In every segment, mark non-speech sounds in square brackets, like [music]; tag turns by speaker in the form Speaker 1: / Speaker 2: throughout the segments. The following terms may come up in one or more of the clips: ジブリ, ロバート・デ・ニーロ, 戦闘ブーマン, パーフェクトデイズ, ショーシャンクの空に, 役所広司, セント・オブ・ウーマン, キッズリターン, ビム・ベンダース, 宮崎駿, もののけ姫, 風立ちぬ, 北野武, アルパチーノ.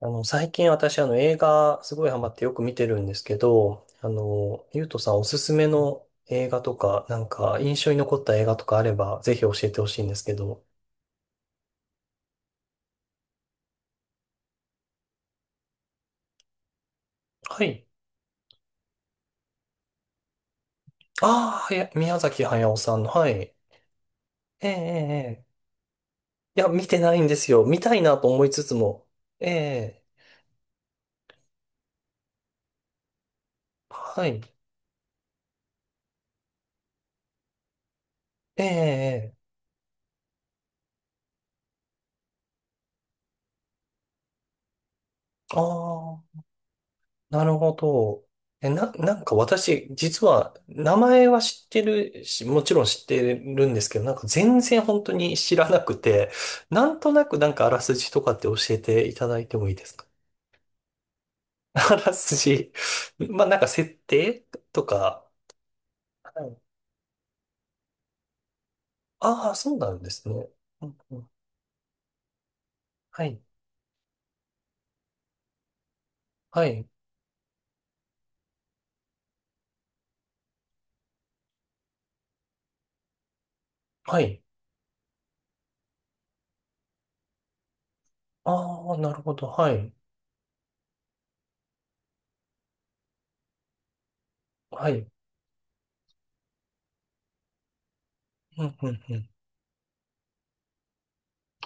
Speaker 1: 最近私、映画、すごいハマってよく見てるんですけど、ゆうとさんおすすめの映画とか、印象に残った映画とかあれば、ぜひ教えてほしいんですけど。はい。ああ、宮崎駿さんの、はい。ええ、ええ、ええいや、見てないんですよ。見たいなと思いつつも。ええ、はい。ええ、ええ、ああー。なるほど。なんか私、実は、名前は知ってるし、もちろん知ってるんですけど、なんか全然本当に知らなくて、なんとなくなんかあらすじとかって教えていただいてもいいですか？ [laughs] あらすじ。まあなんか設定とか。はい。ああ、そうなんですね。うんうん、はい。はい。はい。ああ、なるほど。はい。はい。うん、うん、うん。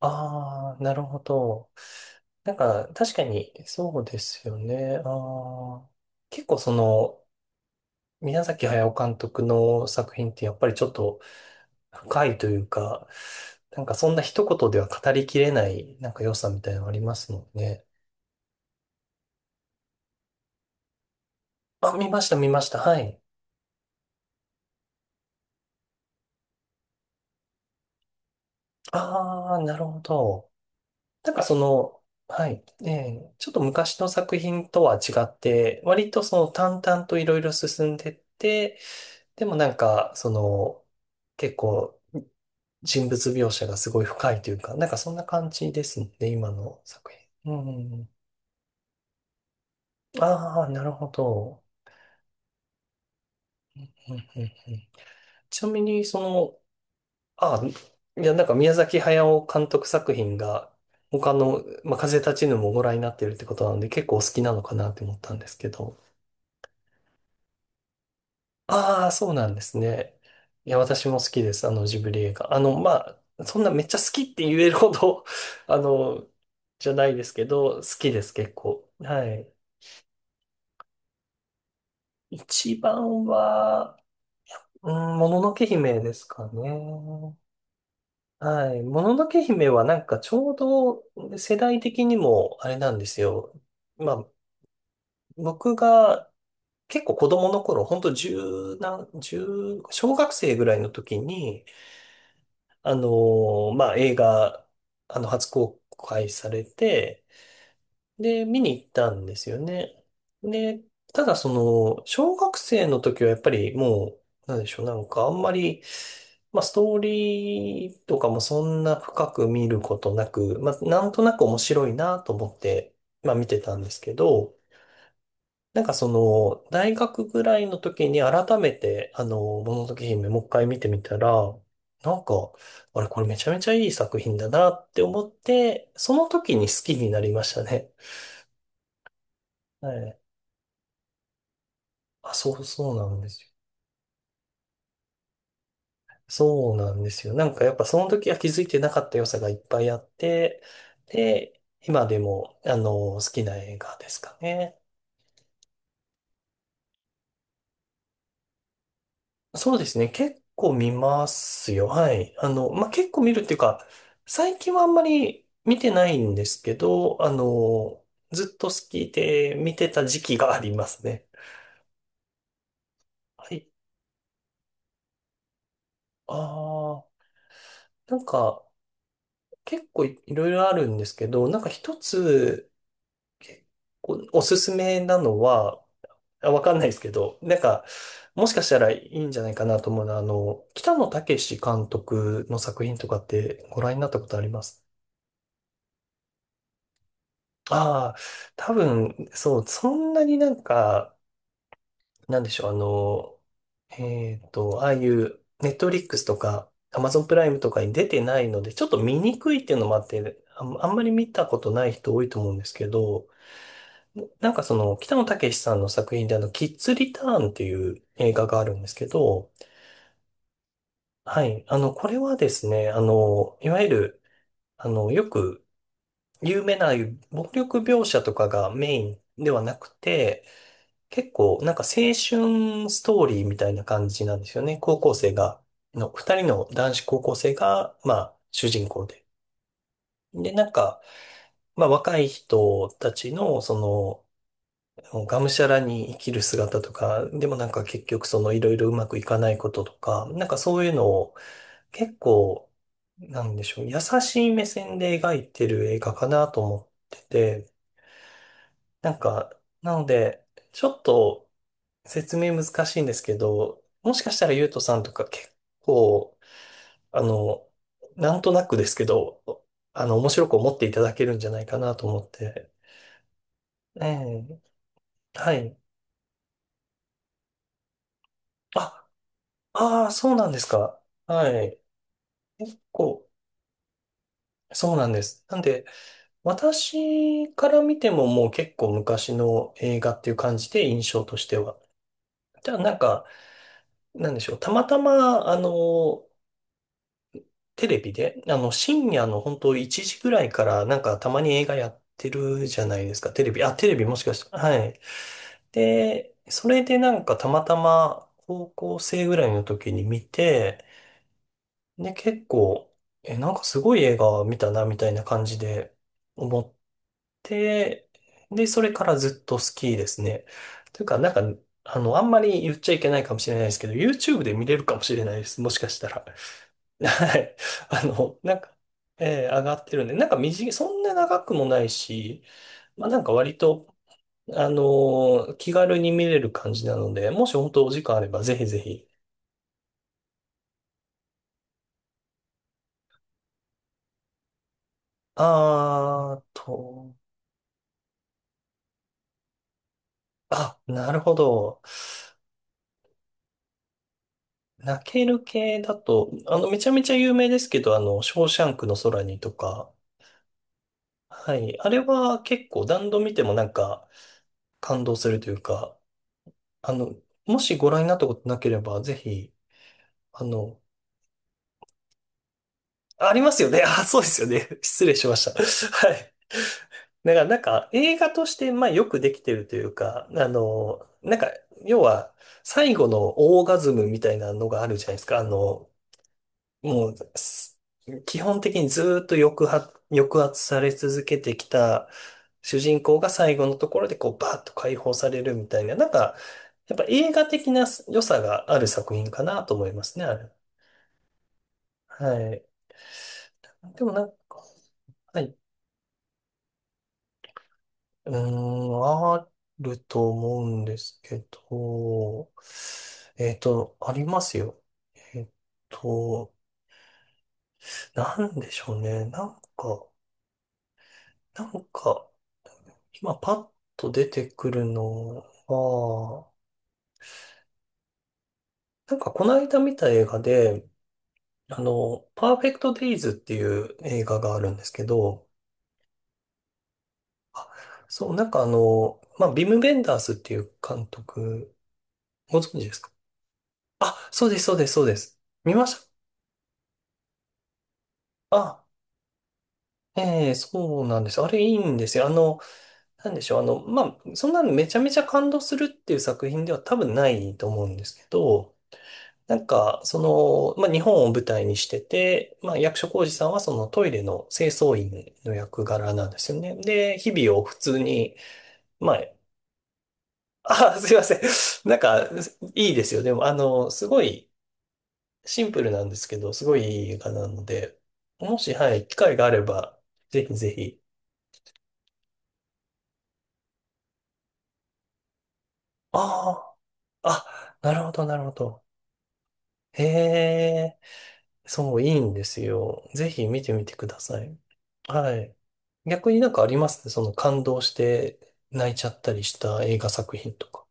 Speaker 1: ああ、なるほど。なんか、確かに、そうですよね。あー結構その、宮崎駿監督の作品ってやっぱりちょっと深いというか、なんかそんな一言では語りきれない、なんか良さみたいなのありますもんね。あ、見ました、見ました。はい。ああ、なるほど。なんかその、はい。ええ、ちょっと昔の作品とは違って、割とその淡々といろいろ進んでって、でもなんか、その、結構、人物描写がすごい深いというか、なんかそんな感じですね、今の作品。うんうんうん。ああ、なるほど。うんうんうん、ちなみに、その、ああ、いや、なんか宮崎駿監督作品が、他の、まあ、風立ちぬもご覧になってるってことなので、結構お好きなのかなって思ったんですけど。ああ、そうなんですね。いや、私も好きです、あのジブリ映画。あの、まあ、そんなめっちゃ好きって言えるほど [laughs]、あの、じゃないですけど、好きです、結構。はい。一番は、うん、もののけ姫ですかね。はい。もののけ姫はなんかちょうど世代的にもあれなんですよ。まあ、僕が結構子供の頃、ほんと十何、十、小学生ぐらいの時に、まあ映画、初公開されて、で、見に行ったんですよね。で、ただその、小学生の時はやっぱりもう、なんでしょう、なんかあんまり、まあストーリーとかもそんな深く見ることなく、まあなんとなく面白いなと思って、まあ見てたんですけど、なんかその、大学ぐらいの時に改めて、もののけ姫もう一回見てみたら、なんか、あれこれめちゃめちゃいい作品だなって思って、その時に好きになりましたね。はいあ、そうなんですよ。そうなんですよ。なんかやっぱその時は気づいてなかった良さがいっぱいあって、で、今でも、好きな映画ですかね。そうですね。結構見ますよ。はい。まあ、結構見るっていうか、最近はあんまり見てないんですけど、ずっと好きで見てた時期がありますね。はい。ああ、なんか、結構いろいろあるんですけど、なんか一つ、結構おすすめなのは、あわかんないですけど、なんか、もしかしたらいいんじゃないかなと思うのは、北野武監督の作品とかってご覧になったことありますああ、多分、そう、そんなになんか、なんでしょう、あの、えっと、ああいう、ネットリックスとか、アマゾンプライムとかに出てないので、ちょっと見にくいっていうのもあって、あんまり見たことない人多いと思うんですけど、なんかその、北野武さんの作品でキッズリターンっていう映画があるんですけど、はい。これはですね、いわゆる、よく有名な暴力描写とかがメインではなくて、結構なんか青春ストーリーみたいな感じなんですよね。高校生が、の、二人の男子高校生が、まあ、主人公で。で、なんか、まあ、若い人たちの、その、もうがむしゃらに生きる姿とか、でもなんか結局そのいろいろうまくいかないこととか、なんかそういうのを結構、なんでしょう、優しい目線で描いてる映画かなと思ってて、なんか、なので、ちょっと説明難しいんですけど、もしかしたらゆうとさんとか結構、あの、なんとなくですけど、面白く思っていただけるんじゃないかなと思って。ええ、はい。あ、ああ、そうなんですか。はい。結構、そうなんです。なんで、私から見てももう結構昔の映画っていう感じで印象としては。じゃあなんか、なんでしょう。たまたま、テレビで、深夜の本当1時ぐらいからなんかたまに映画やってるじゃないですか。テレビ、あ、テレビもしかして、はい。で、それでなんかたまたま高校生ぐらいの時に見て、で、結構、え、なんかすごい映画見たな、みたいな感じで、思っで、で、それからずっと好きですね。というか、なんか、あんまり言っちゃいけないかもしれないですけど、YouTube で見れるかもしれないです。もしかしたら。[laughs] はい。なんか、えー上がってるんで、なんか短い、そんな長くもないし、まあなんか割と、あの気軽に見れる感じなので、もし本当お時間あればぜひぜひ。あーと、あ、なるほど。泣ける系だと、めちゃめちゃ有名ですけど、ショーシャンクの空にとか、はい。あれは結構何度見てもなんか感動するというか、あの、もしご覧になったことなければ、ぜひ、あの、ありますよね。[laughs] あ、そうですよね。[laughs] 失礼しました。[laughs] はい。だからなんか映画として、まあよくできてるというか、なんか、要は最後のオーガズムみたいなのがあるじゃないですか。あの、もう、す基本的にずーっと抑圧、抑圧され続けてきた主人公が最後のところでこうバーッと解放されるみたいな、なんか、やっぱ映画的な良さがある作品かなと思いますね、あれ。はい。でもなんか、はい。うーん、あると思うんですけど、えっと、ありますよ。えっと、なんでしょうね。なんか、なんか、今パッと出てくるのは、なんかこの間見た映画で、パーフェクトデイズっていう映画があるんですけど、そう、なんかあの、まあ、ビム・ベンダースっていう監督、ご存知ですか？あ、そうです、そうです、そうです。見ましたあ、ええそうなんです。あれいいんですよ。なんでしょう。そんなのめちゃめちゃ感動するっていう作品では多分ないと思うんですけど、なんか、そ日本を舞台にしてて、まあ、役所広司さんはそのトイレの清掃員の役柄なんですよね。で、日々を普通に、まあ、すいません。[laughs] なんか、いいですよ。でも、あの、すごいシンプルなんですけど、すごいいい映画なので、もし、はい、機会があれば、ぜひぜひ。ああ、あ、なるほど、なるほど。へえ。そう、いいんですよ。ぜひ見てみてください。はい。逆になんかありますね。その感動して泣いちゃったりした映画作品とか。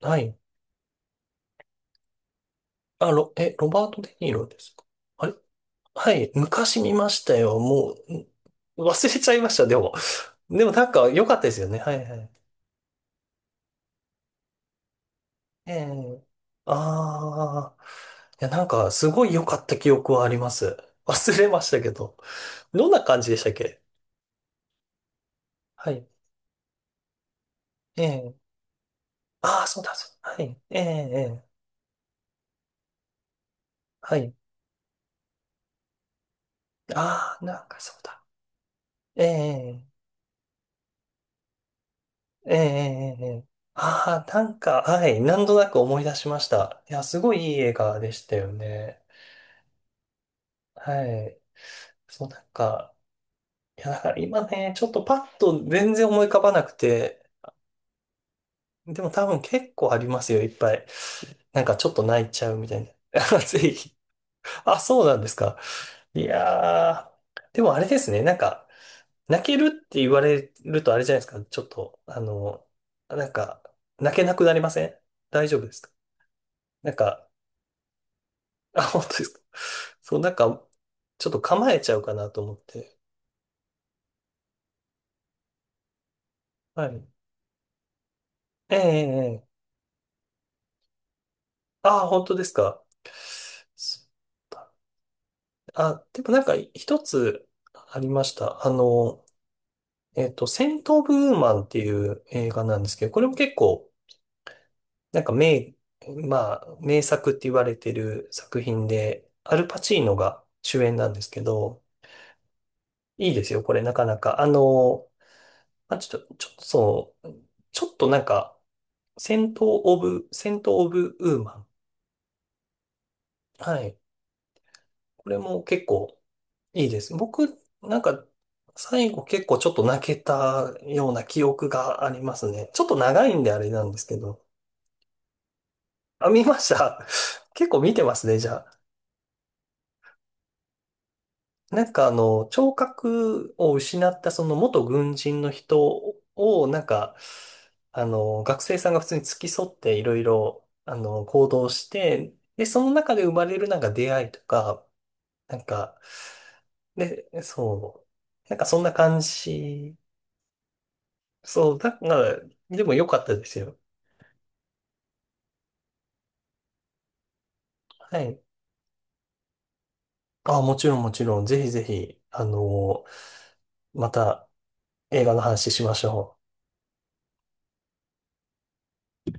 Speaker 1: はい。ロバート・デ・ニーロですか？あれ、はい。昔見ましたよ。もう、ん忘れちゃいました。でも。[laughs] でもなんか良かったですよね。はいはい。ええ。ああ。いや、なんかすごい良かった記憶はあります。忘れましたけど。どんな感じでしたっけ？はい。ええ。ああ、そうだ、そうだ。はい。ええ、ええ、はい。ああ、なんかそうだ。ええ、ええ、ええ、ええ。ああ、なんか、はい。なんとなく思い出しました。いや、すごいいい映画でしたよね。はい。そう、なんか、いや、だから今ね、ちょっとパッと全然思い浮かばなくて、でも多分結構ありますよ、いっぱい。なんかちょっと泣いちゃうみたいな。[laughs] あ、ぜひ。あ、そうなんですか。いやー。でもあれですね、泣けるって言われるとあれじゃないですか。ちょっと、あの、なんか、泣けなくなりません？大丈夫ですか？なんか、あ、本当ですか？そう、なんか、ちょっと構えちゃうかなと思って。はい。ええ、ええ、ええ、あ、本当ですか。そうだ、あ、でもなんか、一つありました。あの、えっと、戦闘ブーマンっていう映画なんですけど、これも結構、なんか名、まあ、名作って言われてる作品で、アルパチーノが主演なんですけど、いいですよ、これなかなか。あの、あ、ちょっと、ちょっとそう、ちょっとなんか、セント・オブ、セント・オブ・ウーマン。はい。これも結構いいです。僕、なんか、最後結構ちょっと泣けたような記憶がありますね。ちょっと長いんであれなんですけど。あ、見ました。[laughs] 結構見てますね、じゃあ。なんかあの、聴覚を失ったその元軍人の人を、なんか、あの、学生さんが普通に付き添っていろいろ、あの、行動して、で、その中で生まれるなんか出会いとか、なんか、で、そう、なんかそんな感じ。そう、だから、でも良かったですよ。はい。あ、もちろんもちろん、ぜひぜひ、あの、また映画の話しましょう。